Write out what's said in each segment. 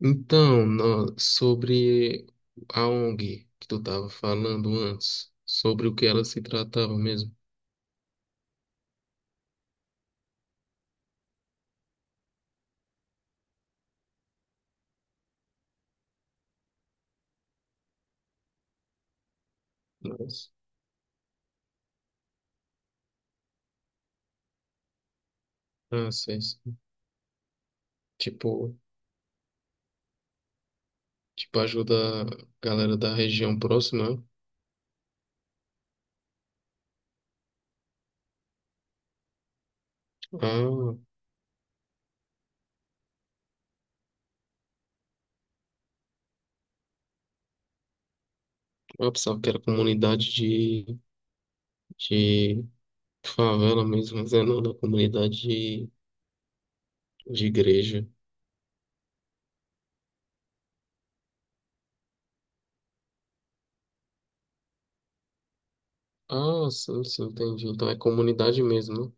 Então, sobre a ONG que tu estava falando antes, sobre o que ela se tratava mesmo. Nossa. Ah, sei, sei. Tipo, tipo, ajuda a galera da região próxima. Ah, a pensava que era comunidade de favela mesmo, mas é não, da comunidade de igreja. Ah, sim, sim, entendi. Então é comunidade mesmo, né?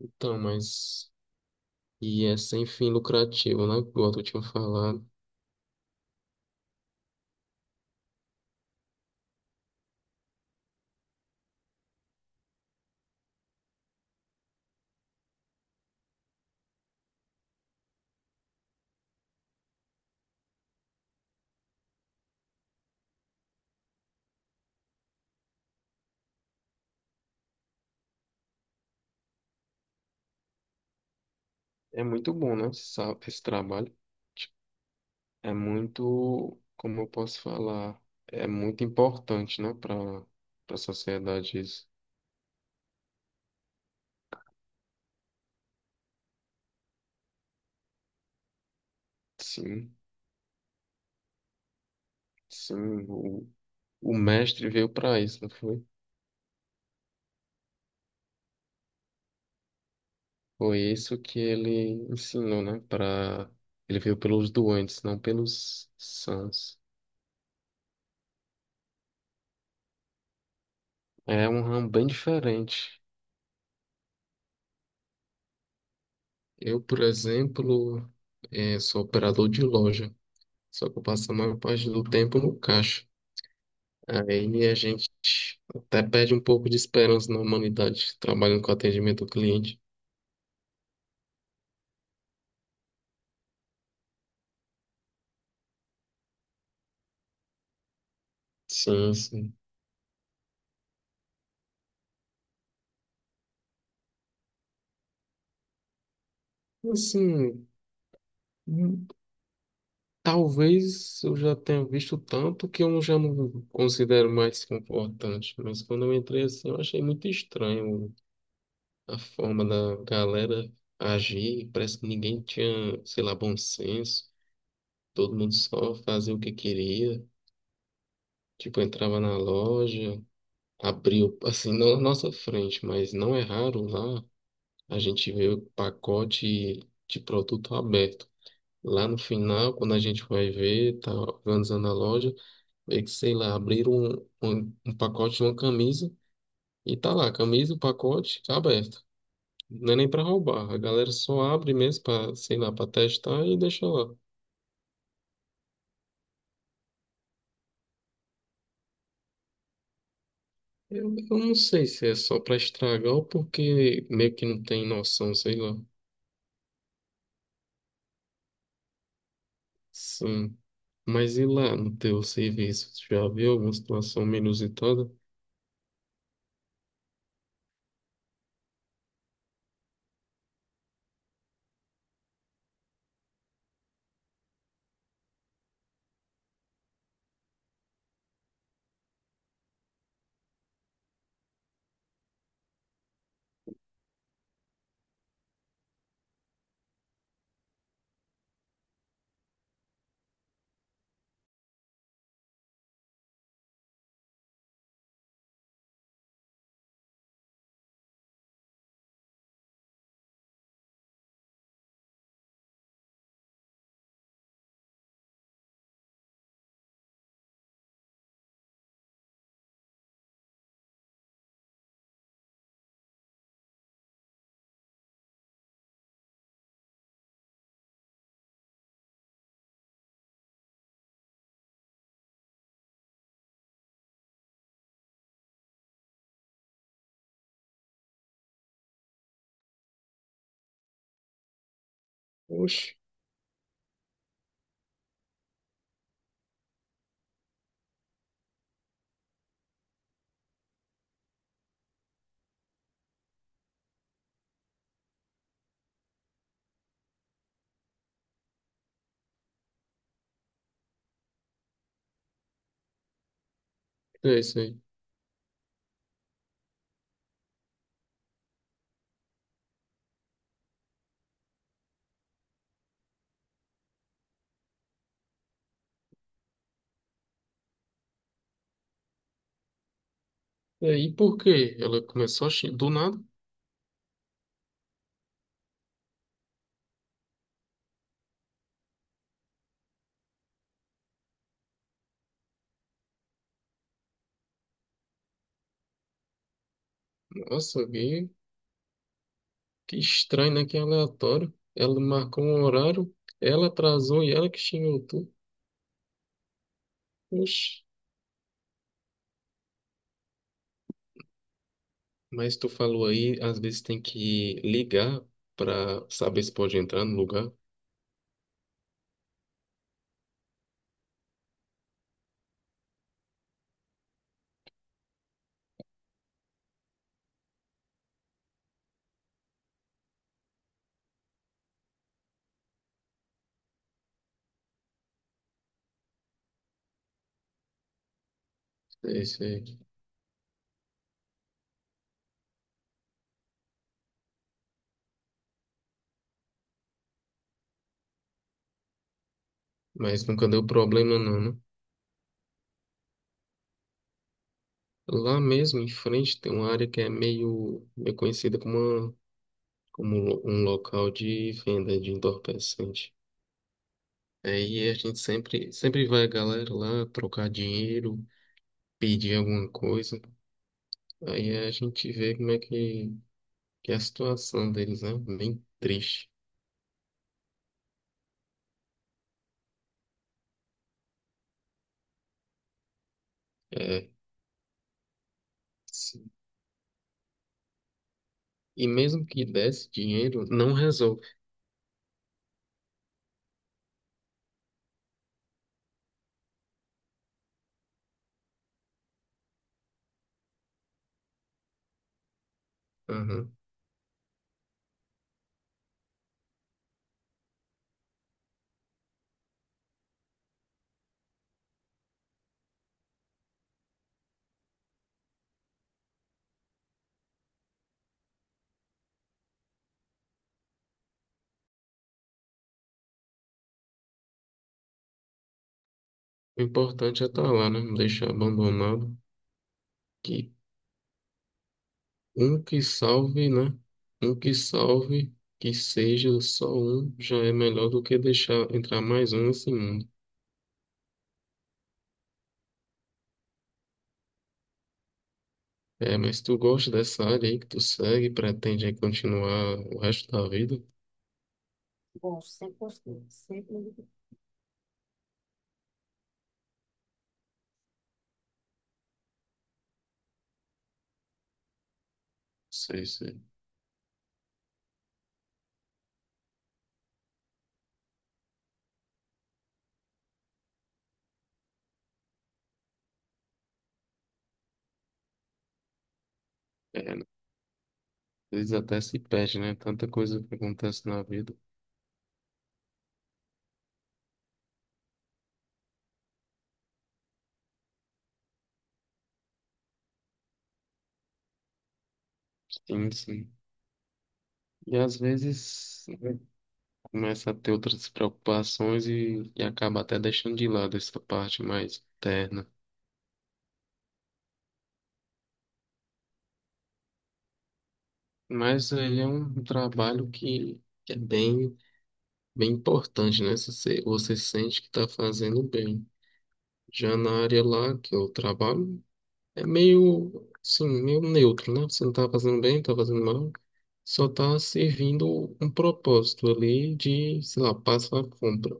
Então, mas... E é sem fim lucrativo, né? Igual tu tinha falado. É muito bom, né? Esse trabalho é muito, como eu posso falar, é muito importante, né, para para a sociedade isso. Sim, sim, o, o mestre veio para isso, não foi? Foi isso que ele ensinou, né? Para ele veio pelos doentes, não pelos sãos. É um ramo bem diferente. Eu, por exemplo, sou operador de loja, só que eu passo a maior parte do tempo no caixa. Aí a gente até perde um pouco de esperança na humanidade, trabalhando com atendimento ao cliente. Sim, sim. Assim, hum, talvez eu já tenha visto tanto que eu já não considero mais importante, mas quando eu entrei assim, eu achei muito estranho a forma da galera agir. Parece que ninguém tinha, sei lá, bom senso. Todo mundo só fazia o que queria. Tipo, entrava na loja, abriu, assim, não na nossa frente, mas não é raro lá. A gente vê o pacote de produto aberto. Lá no final, quando a gente vai ver, tá organizando a loja, vê que, sei lá, abriram um pacote de uma camisa e tá lá, camisa, o pacote tá aberto. Não é nem para roubar, a galera só abre mesmo para, sei lá, para testar e deixa lá. Eu não sei se é só para estragar ou porque meio que não tem noção, sei lá. Sim. Mas e lá no teu serviço? Tu já viu alguma situação menos inusitada? Oxe. Sei, sei. E aí, por quê? Ela começou a... Do nada. Nossa, que estranho, né? Que aleatório. Ela marcou um horário, ela atrasou e ela que xingou tu. Oxi. Mas tu falou aí, às vezes tem que ligar pra saber se pode entrar no lugar. Sei, sei. Mas nunca deu problema não, né? Lá mesmo em frente tem uma área que é meio, meio conhecida como, uma, como um local de venda de entorpecente. É, e a gente sempre, sempre vai a galera lá trocar dinheiro, pedir alguma coisa. Aí a gente vê como é que é a situação deles, né? Bem triste. É. Sim. E mesmo que desse dinheiro, não resolve. Aham. O importante é estar lá, né? Não deixar abandonado. Que um que salve, né? Um que salve, que seja só um, já é melhor do que deixar entrar mais um assim. É, mas tu gosta dessa área aí que tu segue, pretende aí continuar o resto da vida? Gosto sempre gostei, sempre me identifiquei. Sei, sei. É, né? Às vezes até se perde, né? Tanta coisa que acontece na vida. Sim, sim. E às vezes né, começa a ter outras preocupações e acaba até deixando de lado essa parte mais interna. Mas ele é um trabalho que é bem, bem importante, né? Se você, você sente que está fazendo bem. Já na área lá que eu trabalho, é meio, sim meio neutro, né? Você não tá fazendo bem, não tá fazendo mal. Só tá servindo um propósito ali de, sei lá, passa a compra.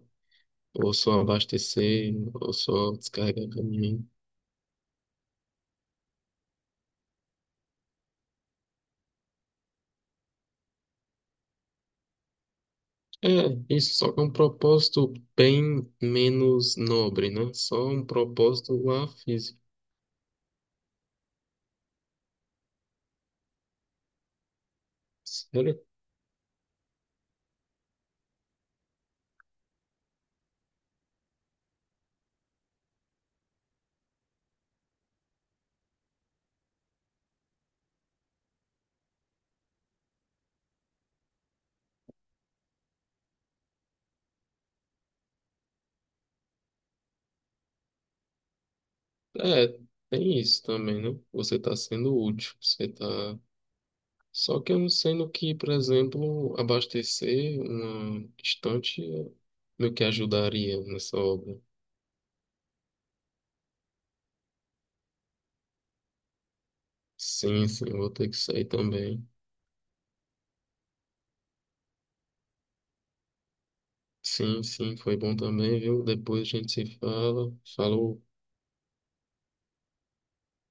Ou só abastecer, ou só descarregar caminhão. É, isso só que é um propósito bem menos nobre, né? Só um propósito lá físico. Sério? É, tem isso também, né? Você tá sendo útil, você tá. Só que eu não sendo que, por exemplo, abastecer uma estante meio que ajudaria nessa obra. Sim, sim, vou ter que sair também. Sim, sim, foi bom também, viu? Depois a gente se fala. Falou.